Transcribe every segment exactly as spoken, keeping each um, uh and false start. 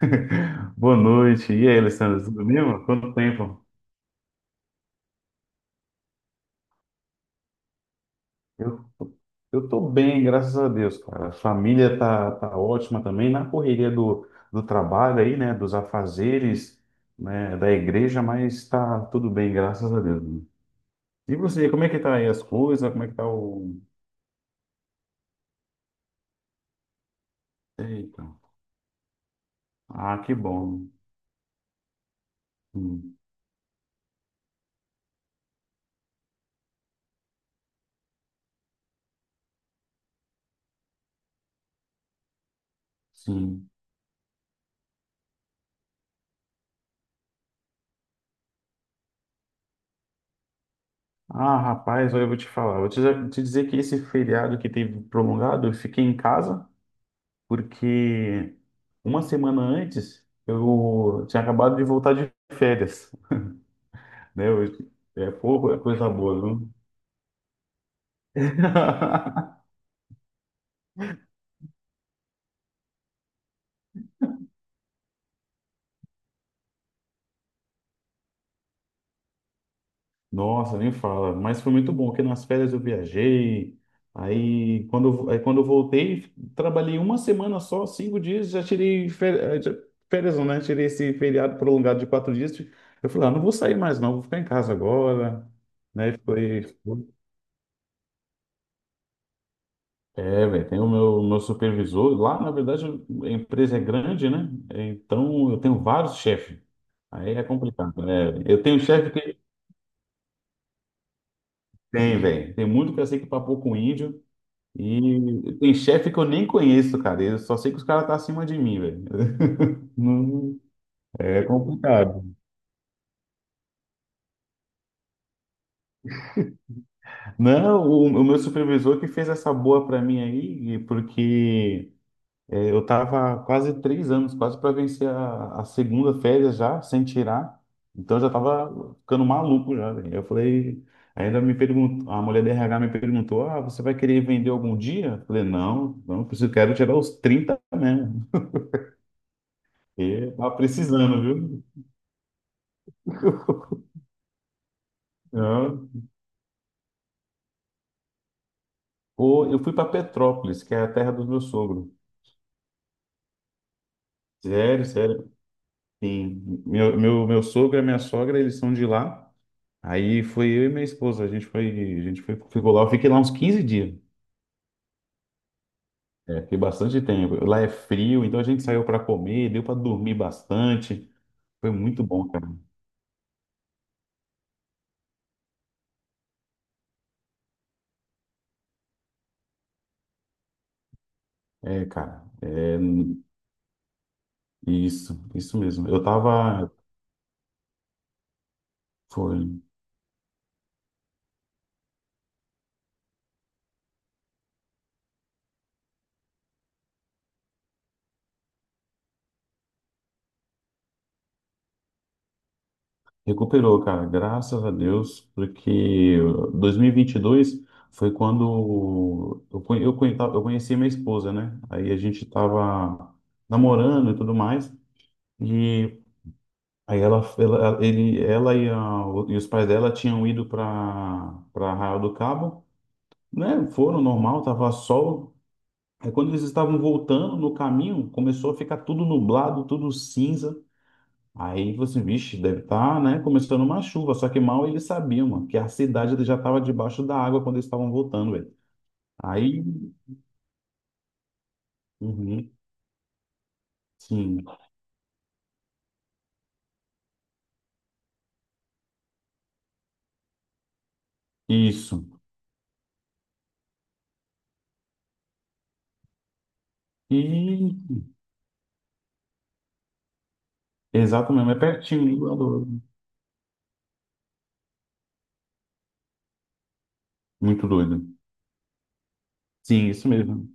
Boa noite. E aí, Alessandro, tudo bem, mano? Quanto tempo? Eu, eu tô bem, graças a Deus, cara. A família tá, tá ótima também, na correria do, do trabalho aí, né? Dos afazeres, né? Da igreja, mas tá tudo bem, graças a Deus, mano. E você, como é que tá aí as coisas? Como é que tá o... Eita. Ah, que bom. Hum, Sim. Ah, rapaz, olha, eu vou te falar. Eu vou te, te dizer que esse feriado que teve prolongado, eu fiquei em casa, porque uma semana antes eu tinha acabado de voltar de férias, né? Eu- é pouco, é coisa boa, viu? Nossa, nem fala. Mas foi muito bom, porque nas férias eu viajei. Aí quando, eu- aí quando eu voltei, trabalhei uma semana só, cinco dias, já tirei férias, férias não, né? Tirei esse feriado prolongado de quatro dias. Eu falei, ah, não vou sair mais não, vou ficar em casa agora. Né? Foi. É, velho, tem o meu, meu supervisor. Lá, na verdade, a empresa é grande, né? Então, eu tenho vários chefes. Aí é complicado, né? Eu tenho chefe que tem, velho. Tem muito que eu sei que papou com índio. E tem chefe que eu nem conheço, cara. Eu só sei que os caras estão tá acima de mim, velho. Não- é complicado. Não, o, o meu supervisor que fez essa boa pra mim aí, porque é, eu tava quase três anos, quase para vencer a, a segunda férias já, sem tirar. Então eu já tava ficando maluco já, velho. Eu falei, ainda me perguntou, a mulher do R H me perguntou, ah, você vai querer vender algum dia? Eu falei, não, não preciso, quero tirar os trinta, mesmo. E tava precisando, viu? Não. Ou eu fui para Petrópolis, que é a terra do meu sogro. Sério, sério. Sim. Meu, meu, meu sogro e minha sogra, eles são de lá. Aí foi eu e minha esposa, a gente foi, a gente foi, ficou lá, eu fiquei lá uns quinze dias. É, fiquei bastante tempo. Lá é frio, então a gente saiu para comer, deu para dormir bastante. Foi muito bom, cara. É, cara, é isso, isso mesmo. Eu tava, foi, recuperou, cara, graças a Deus, porque dois mil e vinte e dois foi quando eu, conhe- eu, conhe- eu conheci minha esposa, né? Aí a gente tava namorando e tudo mais. E aí ela, ela, ele, ela e, a, e os pais dela tinham ido para para Arraial do Cabo, né? Foram normal, tava sol. Aí quando eles estavam voltando no caminho, começou a ficar tudo nublado, tudo cinza. Aí você, vixe, deve estar, tá, né? Começando uma chuva. Só que mal eles sabiam, mano, que a cidade já estava debaixo da água quando eles estavam voltando, velho. Aí, uhum, sim, isso. E exato mesmo, é pertinho, igual do- muito doido. Sim, isso mesmo.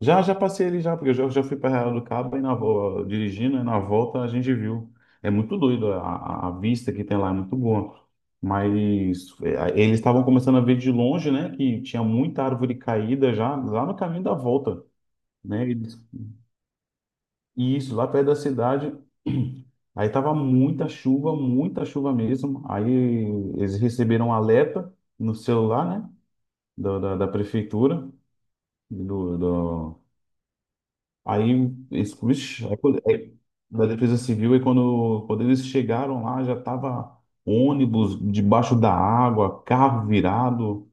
Já, já passei ali já, porque eu já, já fui para Real do Cabo e na, vo- dirigindo, e na volta a gente viu. É muito doido, a, a a vista que tem lá é muito boa. Mas é, eles estavam começando a ver de longe, né, que tinha muita árvore caída já lá no caminho da volta, né? Eles- e isso, lá perto da cidade. Aí tava muita chuva, muita chuva mesmo. Aí eles receberam um alerta no celular, né, da, da, da prefeitura, do, do- aí, esse, vixe, aí, quando- aí, da Defesa Civil, aí quando, quando eles chegaram lá, já tava ônibus debaixo da água, carro virado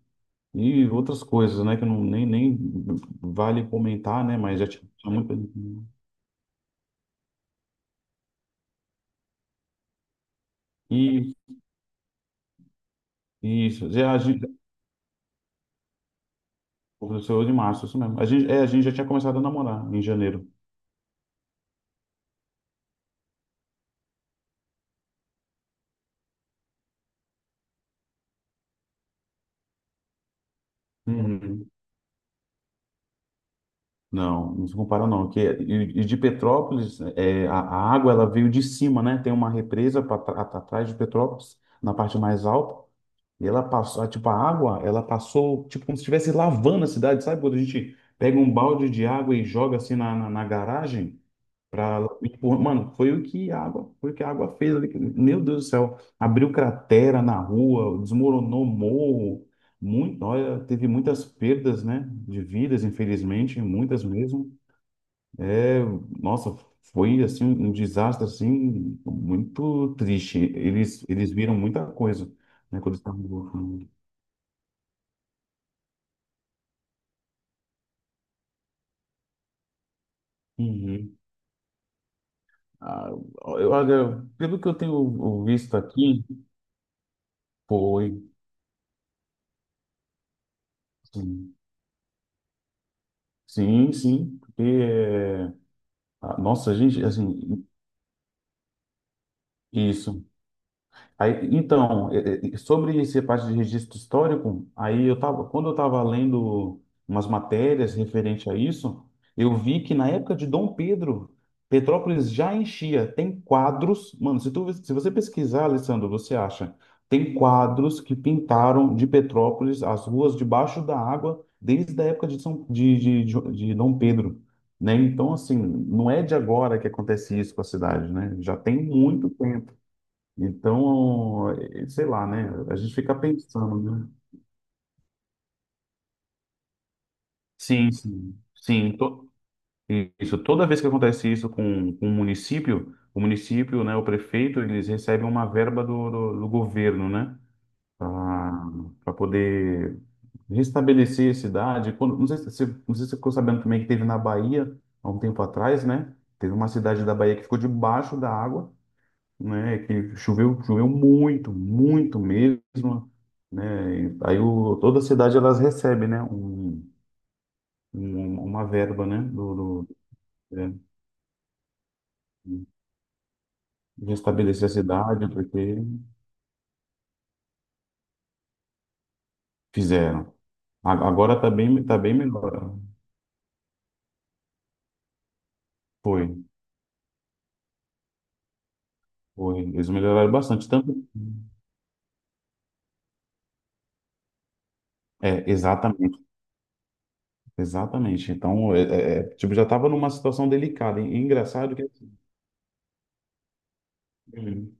e outras coisas, né? Que não, nem, nem vale comentar, né? Mas já tinha muita. E isso, já, a gente, o oito de março, isso mesmo. A gente, é, a gente já tinha começado a namorar em janeiro. Uhum. Não, não se compara não. Que, é, e, e de Petrópolis, é, a, a água ela veio de cima, né? Tem uma represa pra, tra- at- atrás de Petrópolis, na parte mais alta, e ela passou, ah, tipo, a água, ela passou, tipo, como se estivesse lavando a cidade, sabe? Quando a gente pega um balde de água e joga assim na, na, na garagem, pra, e, pô, mano, foi o que a água, foi o que a água fez ali. Meu Deus do céu, abriu cratera na rua, desmoronou morro. Muito, olha, teve muitas perdas, né, de vidas, infelizmente, muitas mesmo. É, nossa, foi assim um desastre assim muito triste. Eles eles viram muita coisa, né, quando estavam uhum. Ah, eu- olha, pelo que eu tenho visto aqui, foi sim, sim, sim, porque é, ah, nossa, gente, assim, isso. Aí, então, eh, eh, sobre essa parte de registro histórico, aí eu tava, quando eu estava lendo umas matérias referente a isso, eu vi que na época de Dom Pedro, Petrópolis já enchia. Tem quadros, mano, se tu, se você pesquisar, Alessandro, você acha, tem quadros que pintaram de Petrópolis as ruas debaixo da água desde a época de, São, de, de, de de Dom Pedro, né? Então, assim, não é de agora que acontece isso com a cidade, né? Já tem muito tempo. Então, eh, sei lá, né? A gente fica pensando, né? Sim, sim, sim. To- isso. Toda vez que acontece isso com, com o município, o município, né, o prefeito, eles recebem uma verba do, do, do governo, né? Para poder restabelecer a cidade. Quando- não sei se, se- não sei se você ficou sabendo também que teve na Bahia, há um tempo atrás, né? Teve uma cidade da Bahia que ficou debaixo da água, né, que choveu, choveu muito, muito mesmo, né, e aí o, toda a cidade elas recebem, né, um, um- uma verba, né, do, do é, de restabelecer a cidade, porque fizeram. A- agora tá bem, tá bem melhor. Foi, foi, eles melhoraram bastante, tanto, é, exatamente, exatamente. Então, é, é, é, tipo, já estava numa situação delicada, e engraçado que assim,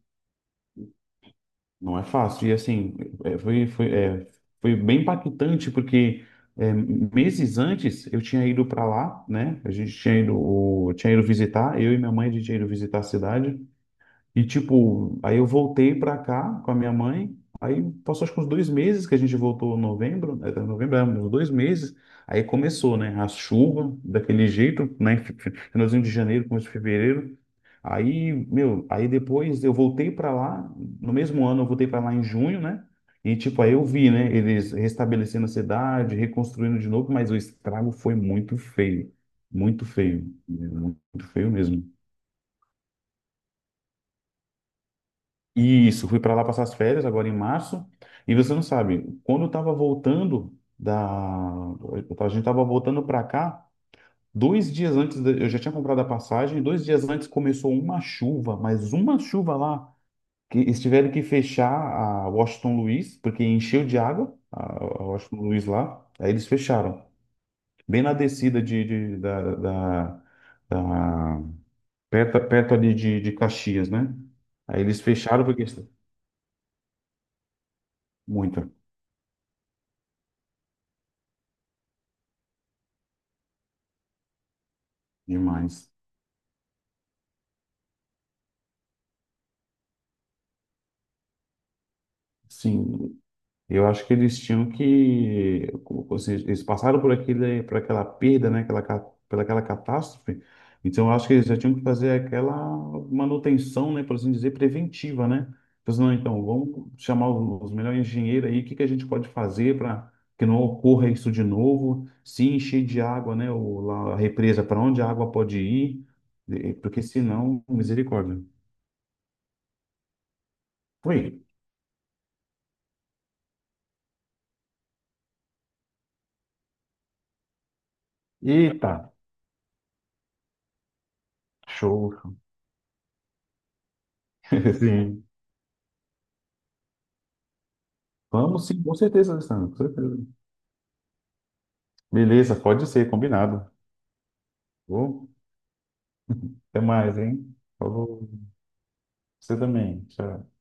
não é fácil. E assim, é, foi, foi, é, foi bem impactante, porque é, meses antes eu tinha ido para lá, né? A gente tinha ido, o- tinha ido visitar, eu e minha mãe, a gente tinha ido visitar a cidade. E tipo, aí eu voltei para cá com a minha mãe. Aí passou acho que uns dois meses que a gente voltou em novembro, é, tá, novembro, é, uns dois meses. Aí começou, né? A chuva, daquele jeito, né? Finalzinho de janeiro, começo de fevereiro. Aí, meu, aí depois eu voltei para lá, no mesmo ano eu voltei para lá em junho, né? E tipo, aí eu vi, né, eles restabelecendo a cidade, reconstruindo de novo, mas o estrago foi muito feio, muito feio, muito feio mesmo. E isso, fui para lá passar as férias agora em março, e você não sabe, quando eu tava voltando da eu tava- a gente tava voltando para cá, dois dias antes da- eu já tinha comprado a passagem, dois dias antes começou uma chuva, mas uma chuva lá que eles tiveram que fechar a Washington Luiz, porque encheu de água a a Washington Luiz lá. Aí eles fecharam. Bem na descida de, de- da, da, da- perto, perto ali de, de Caxias, né? Aí eles fecharam porque muita demais. Sim, eu acho que eles tinham que, como- ou eles passaram por aquele, por aquela perda, né, aquela, ca- pela aquela catástrofe. Então, eu acho que eles já tinham que fazer aquela manutenção, né, por assim dizer, preventiva, né? Pois não, então, vamos chamar os os melhores engenheiros aí, o que que a gente pode fazer para que não ocorra isso de novo? Se encher de água, né, o, lá, a represa, para onde a água pode ir? Eh, porque senão, misericórdia. Foi. Eita, show. Sim. Vamos sim, com certeza, Alessandro, com certeza. Beleza, pode ser, combinado. Vou. Até mais, hein? Falou. Você também. Tchau.